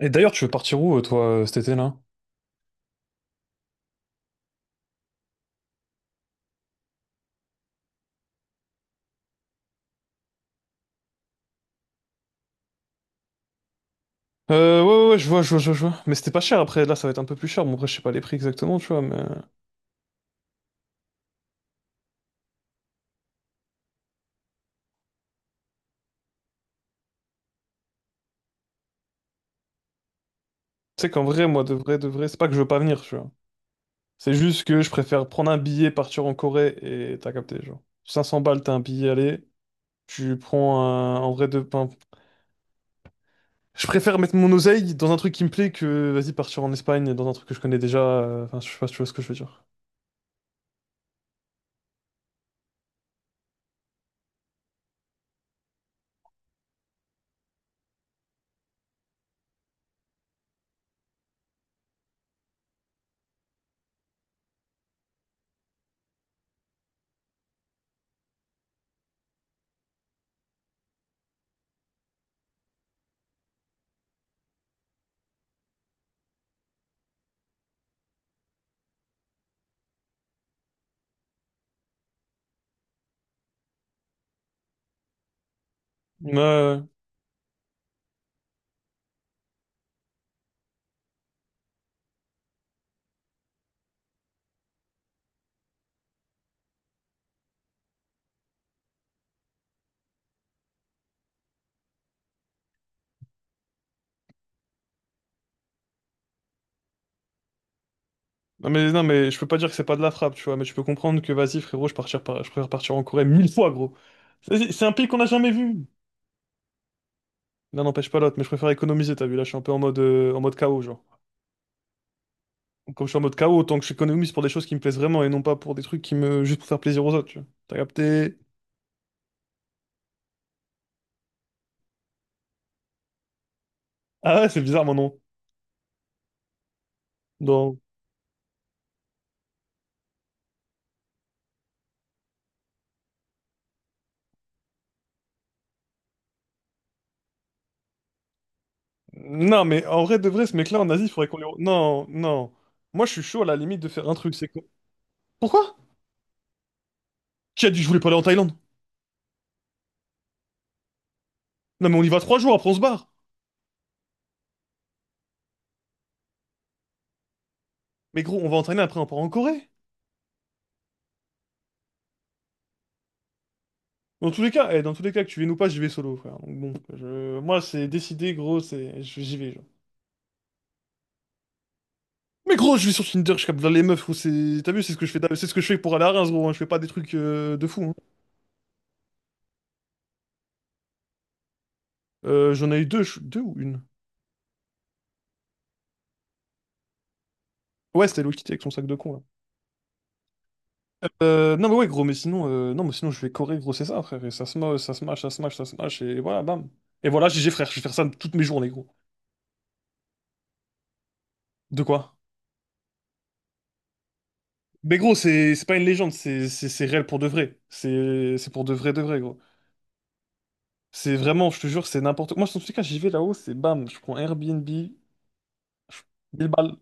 Et d'ailleurs, tu veux partir où, toi, cet été, là? Ouais, ouais, ouais, je vois, je vois, je vois. Mais c'était pas cher, après, là, ça va être un peu plus cher. Bon, après, je sais pas les prix exactement, tu vois, mais... Tu sais qu'en vrai, moi, de vrai, c'est pas que je veux pas venir, tu vois. C'est juste que je préfère prendre un billet, partir en Corée, et t'as capté, genre. 500 balles, t'as un billet aller, tu prends un... En vrai, de... pain. Je préfère mettre mon oseille dans un truc qui me plaît que, vas-y, partir en Espagne, dans un truc que je connais déjà. Enfin, je sais pas si tu vois ce que je veux dire. Ouais, ouais, ouais. Non mais je peux pas dire que c'est pas de la frappe, tu vois, mais je peux comprendre que vas-y frérot, je préfère partir en Corée mille fois gros. C'est un pays qu'on n'a jamais vu. L'un n'empêche pas l'autre, mais je préfère économiser, t'as vu, là je suis un peu en mode KO, genre. Comme je suis en mode KO, autant que j'économise pour des choses qui me plaisent vraiment et non pas pour des trucs qui me... juste pour faire plaisir aux autres, tu vois. T'as capté? Ah ouais, c'est bizarre mon nom. Non. Non mais en vrai de vrai, ce mec-là en Asie, il faudrait qu'on le... Non, non. Moi je suis chaud à la limite de faire un truc, c'est quoi? Pourquoi? Qui a dit que je voulais pas aller en Thaïlande? Non mais on y va 3 jours, après on se barre. Mais gros, on va en Thaïlande, après on part en Corée. Dans tous les cas, eh, dans tous les cas, que tu viennes ou pas, j'y vais solo, frère. Donc bon, je... moi, c'est décidé, gros, c'est... J'y vais, genre. Mais gros, je vais sur Tinder, je capte dans les meufs, gros, c'est... T'as vu, c'est ce que je fais, c'est ce que je fais pour aller à Reims, gros, hein. Je fais pas des trucs de fou, hein. J'en ai eu deux, deux ou une? Ouais, c'était Hello Kitty avec son sac de con, là. Non, mais ouais, gros, mais sinon, non, mais sinon, je vais corée, gros, c'est ça, frère. Et ça se moche, ça se mâche, ça se mâche, ça se mâche, et voilà, bam. Et voilà, GG, frère, je vais faire ça toutes mes journées, gros. De quoi? Mais gros, c'est pas une légende, c'est réel pour de vrai. C'est pour de vrai, gros. C'est vraiment, je te jure, c'est n'importe quoi. Moi, dans tous les cas, j'y vais là-haut, c'est bam, je prends Airbnb, je... 1000 balles.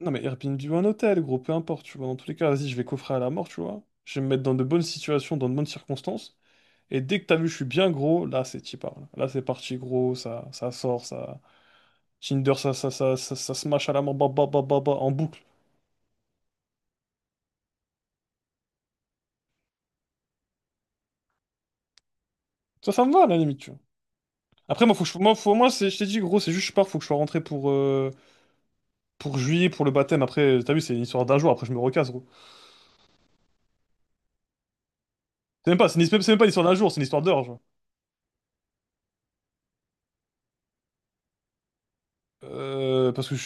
Non, mais Airbnb ou un hôtel, gros, peu importe, tu vois. Dans tous les cas, vas-y, je vais coffrer à la mort, tu vois. Je vais me mettre dans de bonnes situations, dans de bonnes circonstances. Et dès que t'as vu, je suis bien gros, là, c'est t'y parles. Là, c'est parti, gros, ça sort, ça. Tinder, ça smash à la mort, bah, bah, bah, bah, bah, en boucle. Ça me va, à la limite, tu vois. Après, moi, faut que je... moi, faut... moi c'est... je t'ai dit, gros, c'est juste, je pars, faut que je sois rentré pour juillet, pour le baptême. Après, t'as vu, c'est une histoire d'un jour, après, je me recasse, gros. C'est même pas, c'est même pas une histoire d'un jour, c'est une histoire d'heures, genre. Parce que je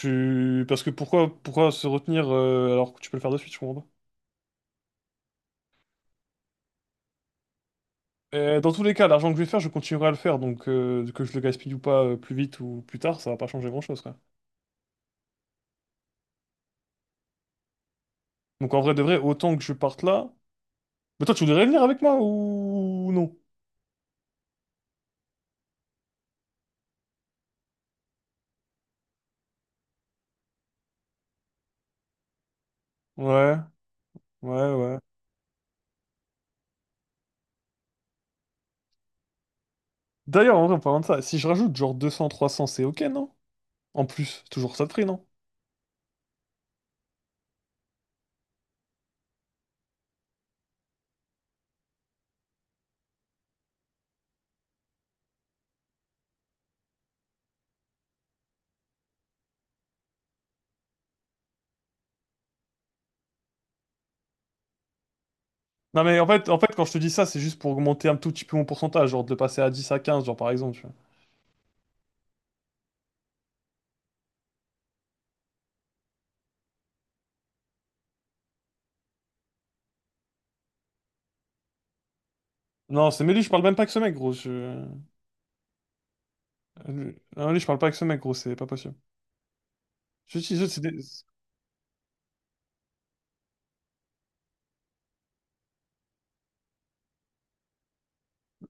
suis... Parce que pourquoi, pourquoi se retenir alors que tu peux le faire de suite, je comprends pas. Dans tous les cas, l'argent que je vais faire, je continuerai à le faire, donc que je le gaspille ou pas plus vite ou plus tard, ça va pas changer grand-chose, quoi. Donc en vrai de vrai, autant que je parte là... Mais toi, tu voudrais venir avec moi ou non? Ouais, ouais, ouais. D'ailleurs, en vrai, en parlant de ça, si je rajoute genre 200, 300 c'est ok, non? En plus, toujours ça de prix, non? Non mais en fait, quand je te dis ça, c'est juste pour augmenter un tout petit peu mon pourcentage, genre de passer à 10 à 15 genre par exemple. Non, c'est mais lui, je parle même pas avec ce mec, gros. Je... Non, lui, je parle pas avec ce mec, gros, c'est pas possible. Je dis, je- c'est des-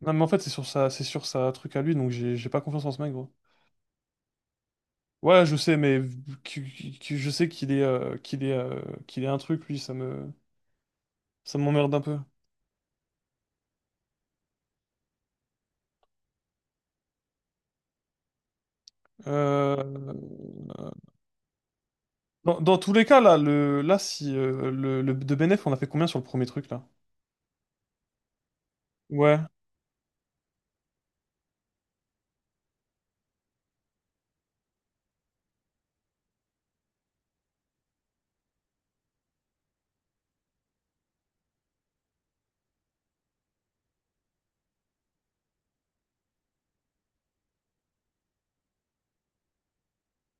Non, mais en fait, c'est sur sa truc à lui, donc j'ai pas confiance en ce mec, gros. Ouais, je sais, mais qui- je sais qu'il est, qu'il est, qu'il est un truc, lui, ça me, ça m'emmerde un peu. Euh, dans tous les cas, là, le, là, si le, de bénéf, on a fait combien sur le premier truc, là? Ouais,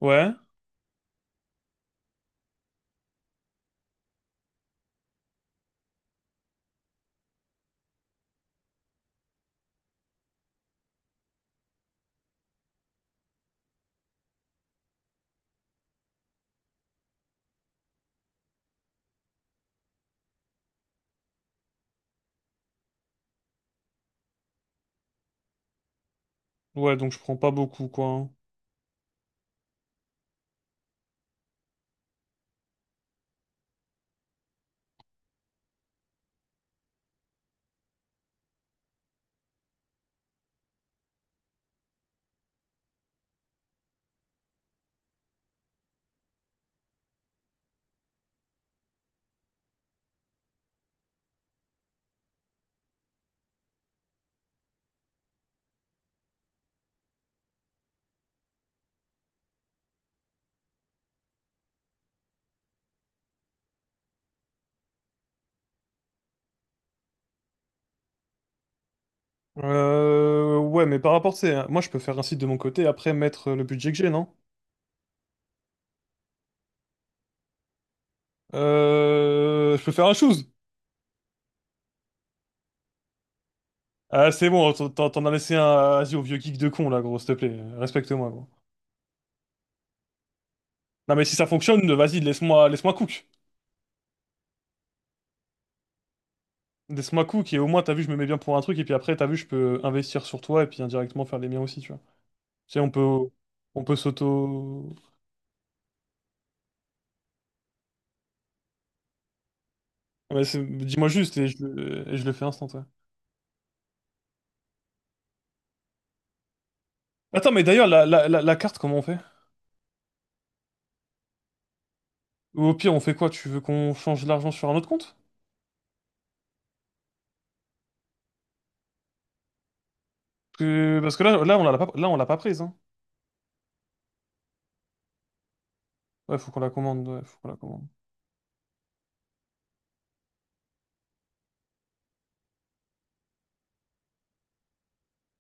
ouais, ouais, donc je prends pas beaucoup, quoi. Hein. Ouais, mais par rapport, tu sais, hein, moi je peux faire un site de mon côté, après mettre le budget que j'ai, non? Je peux faire un chose. Ah, c'est bon, t'en as laissé un, vas-y, au vieux geek de con, là, gros, s'il te plaît, respecte-moi, gros. Non, mais si ça fonctionne, vas-y, laisse-moi, laisse-moi cook. Laisse-moi cook, et au moins, t'as vu, je me mets bien pour un truc, et puis après, t'as vu, je peux investir sur toi, et puis indirectement faire les miens aussi, tu vois. Tu sais, on peut s'auto... Ouais, c'est- dis-moi juste, et je le fais instant, ouais. Attends, mais d'ailleurs, la carte, comment on fait? Ou au pire, on fait quoi? Tu veux qu'on change l'argent sur un autre compte? Que- Parce que là, là, on l'a pas, là, on l'a pas prise, hein. Ouais, faut qu'on la commande, ouais, faut qu'on la commande.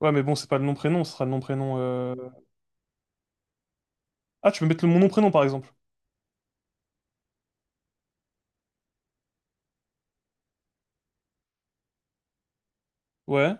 Ouais, mais bon, c'est pas le nom prénom, ce sera le nom prénom. Euh, ah, tu peux mettre le, mon nom prénom par exemple. Ouais.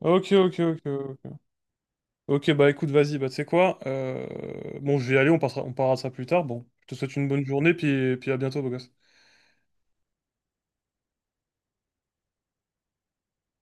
Ok, ok, ok, ok. Ok, bah écoute, vas-y, bah tu sais quoi, bon, je vais y aller, on passera, on parlera de ça plus tard. Bon, je te souhaite une bonne journée, puis à bientôt, beau gosse.